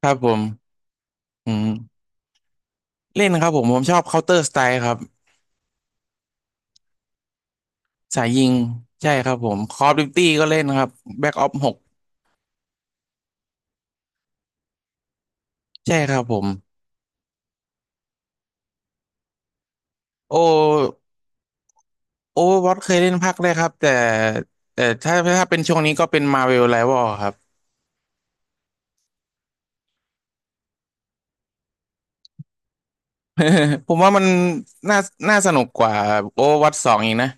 ครับผมอืมเล่นครับผมชอบ Counter Strike ครับสายยิงใช่ครับผม Call of Duty ก็เล่นครับ Black Ops 6ใช่ครับผมโอ Overwatch เคยเล่นภาคแรกครับแต่ถ้าเป็นช่วงนี้ก็เป็น Marvel Rival ครับ ผมว่ามันน่าน่าสนุกกว่า Overwatch 2องอีกนะ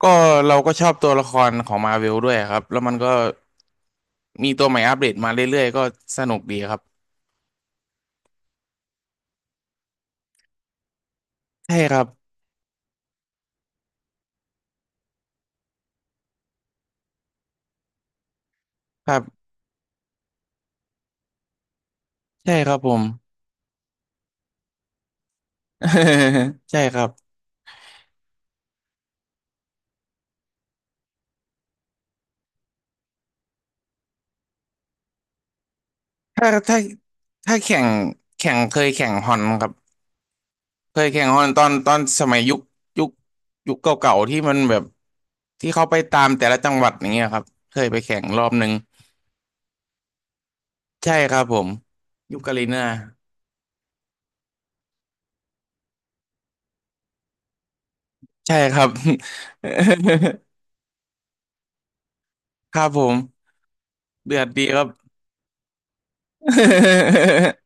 ก็เราก็ชอบตัวละครของ Marvel ด้วยครับแล้วมันก็มีตัวใหม่อัปเดตมาเรื่อยๆก็สนุกดีครับใช่ครับครับใช่ครับผม ใช่ครับ ถ้าถ้าถ้าแข่งเคยแข่งฮอนครับเคยแข่งฮอนตอนสมัยยุคยุคเก่าๆที่มันแบบที่เขาไปตามแต่ละจังหวัดอย่างเงี้ยครับเคยไปแข่งรอบหนึ่งใช่ครับผมยุคกาลิน่าใช่ครับ ครับผมเดือดดีครับ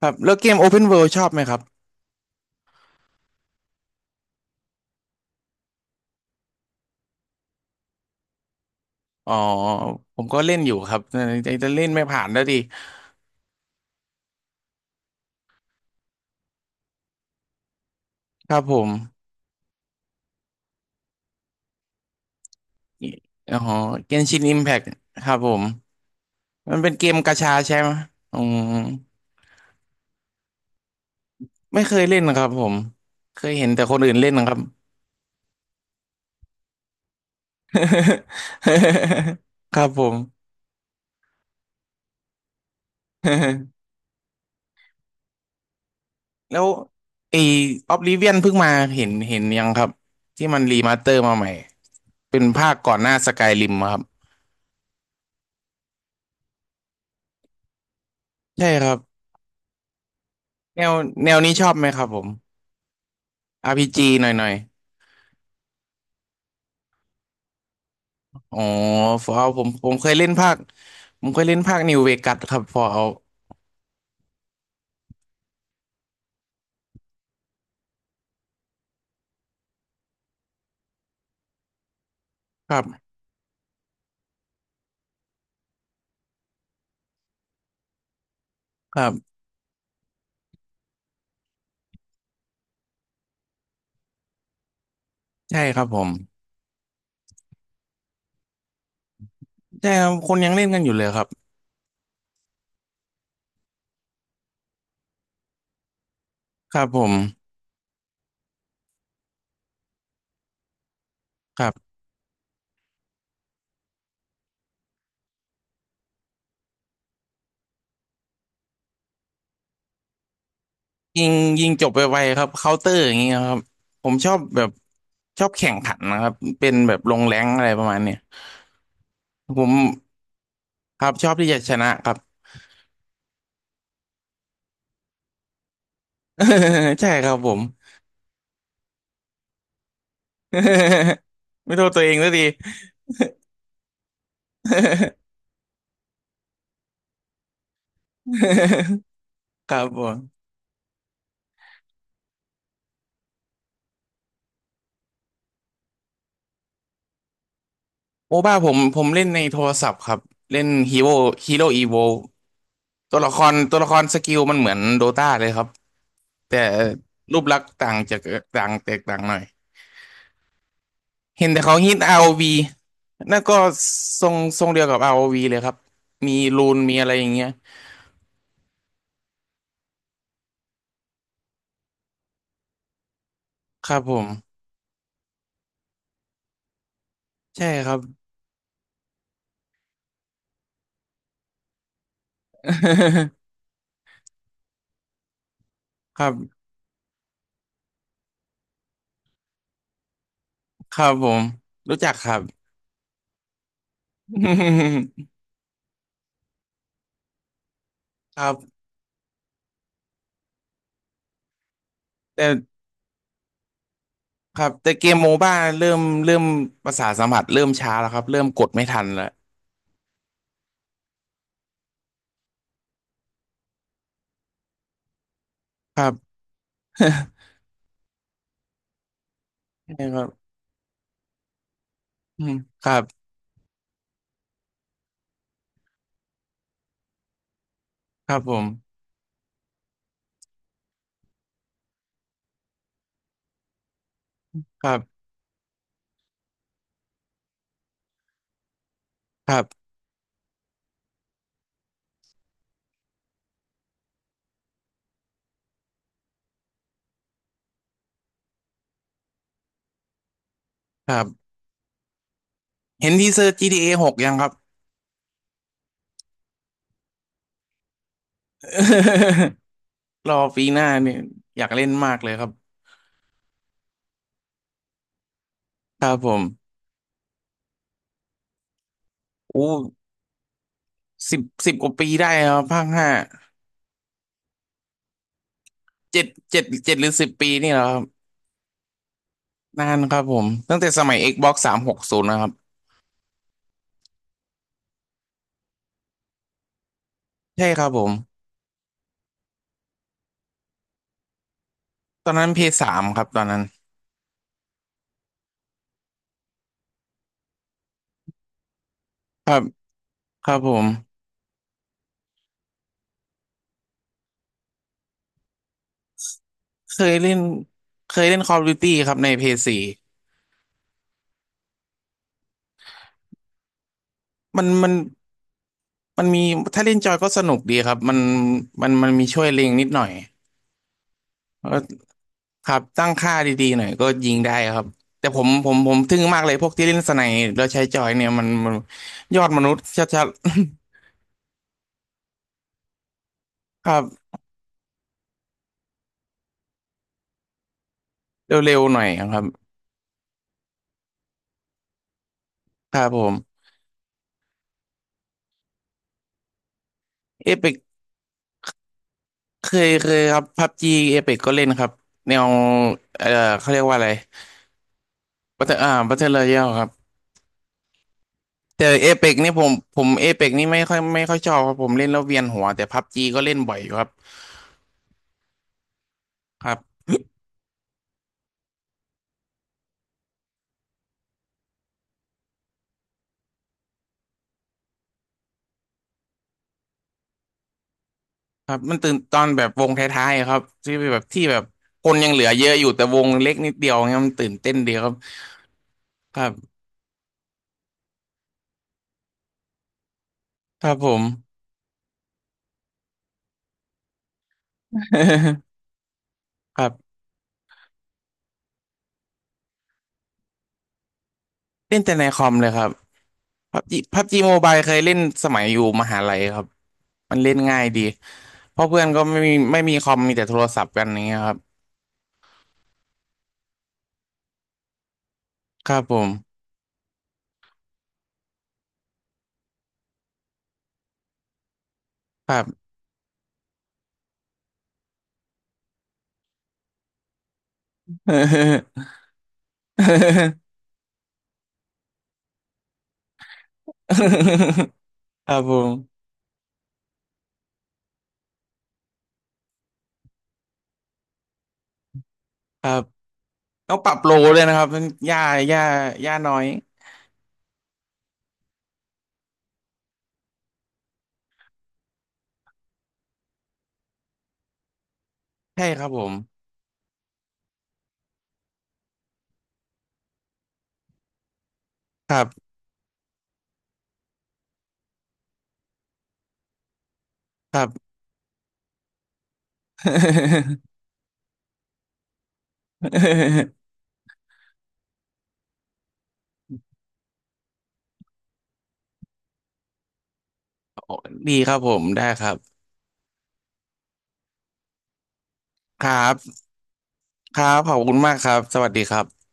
ครับแล้วเกม Open World ชอบไหมครับอ๋อผมก็เล่นอยู่ครับแต่เล่นไม่ผ่านแล้วดีครับผมอ๋อ Genshin Impact ครับผม มันเป็นเกมกาชาใช่ไหมอืม ไม่เคยเล่นนะครับผม เคยเห็นแต่คนอื่นเล่นนะครับ ครับผม แล้วไอ้ออบลิเวียนเพิ่งมาเห็นยังครับที่มันรีมาสเตอร์มาใหม่เป็นภาคก่อนหน้าสกายริมครับใช่ครับแนวแนวนี้ชอบไหมครับผม RPG หน่อยหน่อยอ๋อฟอร์เอาผมเคยเล่นภาคนิวเวกัสครับฟอร์เอาครับครับใช่ครับผมใช่ครับคนยังเล่นกันอยู่เลยครับ ครับผมครับยิงยิงจบไวๆครับเคาน์เตอร์อย่างเงี้ยครับผมชอบแข่งขันนะครับเป็นแบบลงแรงอะไรประมาณเนี้ยผมครับชอบที่จะชนะครับ ใช่ครับผม ไม่โทษตัวเองสักที ครับผมโอบ้าผมเล่นในโทรศัพท์ครับเล่นฮีโร่ฮีโร่อีโวตัวละครสกิลมันเหมือนโดตาเลยครับแต่รูปลักษณ์ต่างจากต่างแตกต่างหน่อย เห็นแต่เขาฮิตอาร์โอวีนั่นก็ทรงเดียวกับ r o ีเลยครับมีรูนมีอะไรอย่างเงี้ยครับผมใช่ครับ ครับครับผมรู้จักครับ ครับแต่ครับแต่เกมโมบ้าเริ่มเริ่มประสาทสัมผัสเริ่มช้าแล้วครับเริ่มกดไม่ทันแล้วครับ ใช่ครับอืมครับครับผมครับครับครับเห็นทีเซอร์ GTA 6ยังครับ รอปีหน้าเนี่ยอยากเล่นมากเลยครับครับผม โอ้สิบกว่าปีได้ครับภาคห้าเจ็ดหรือสิบปีนี่เหรอครับนานครับผมตั้งแต่สมัย Xbox สามหกศูนย์นะครับใช่ครับผมตอนนั้นพีเพยสามครับตอนนั้นครับครับผมเคยเล่นเคยเล่น Call of Duty ครับในพีเพยสี่มันมันมันมีถ้าเล่นจอยก็สนุกดีครับมันมีช่วยเล็งนิดหน่อยแล้วก็ครับตั้งค่าดีๆหน่อยก็ยิงได้ครับแต่ผมทึ่งมากเลยพวกที่เล่นสไนแล้วใช้จอยเนี่ยมันยอดมนุษย์ชัดๆ ครับเร็วๆหน่อยครับครับผมเอพิกเคยครับพับจีเอพิกก็เล่นครับแนวเอ่อเขาเรียกว่าอะไรบัตเตอร์รอยัลครับแต่เอพิกนี่ผมผมเอพิกนี่ไม่ค่อยชอบครับผมเล่นแล้วเวียนหัวแต่พับจีก็เล่นบ่อยอยู่ครับครับครับมันตื่นตอนแบบวงท้ายๆครับที่แบบที่แบบคนยังเหลือเยอะอยู่แต่วงเล็กนิดเดียวเงี้ยมันตื่นเต้นดีครับครับครับผม ครับเล่นแต่ในคอมเลยครับพับจีโมบายเคยเล่นสมัยอยู่มหาลัยครับ มันเล่นง่ายดีเพราะเพื่อนก็ไม่มีคอมมีแต่โทรศัพท์กันอย่างเงี้ยครับครับผมครับ ครับผมครับต้องปรับโลเลยนะครับย่าย่าย่าน้อยใช่ครับผมครับครับ ดีครับผมได้ครับครับครับขอบคุณมากครับสวัสดีครับ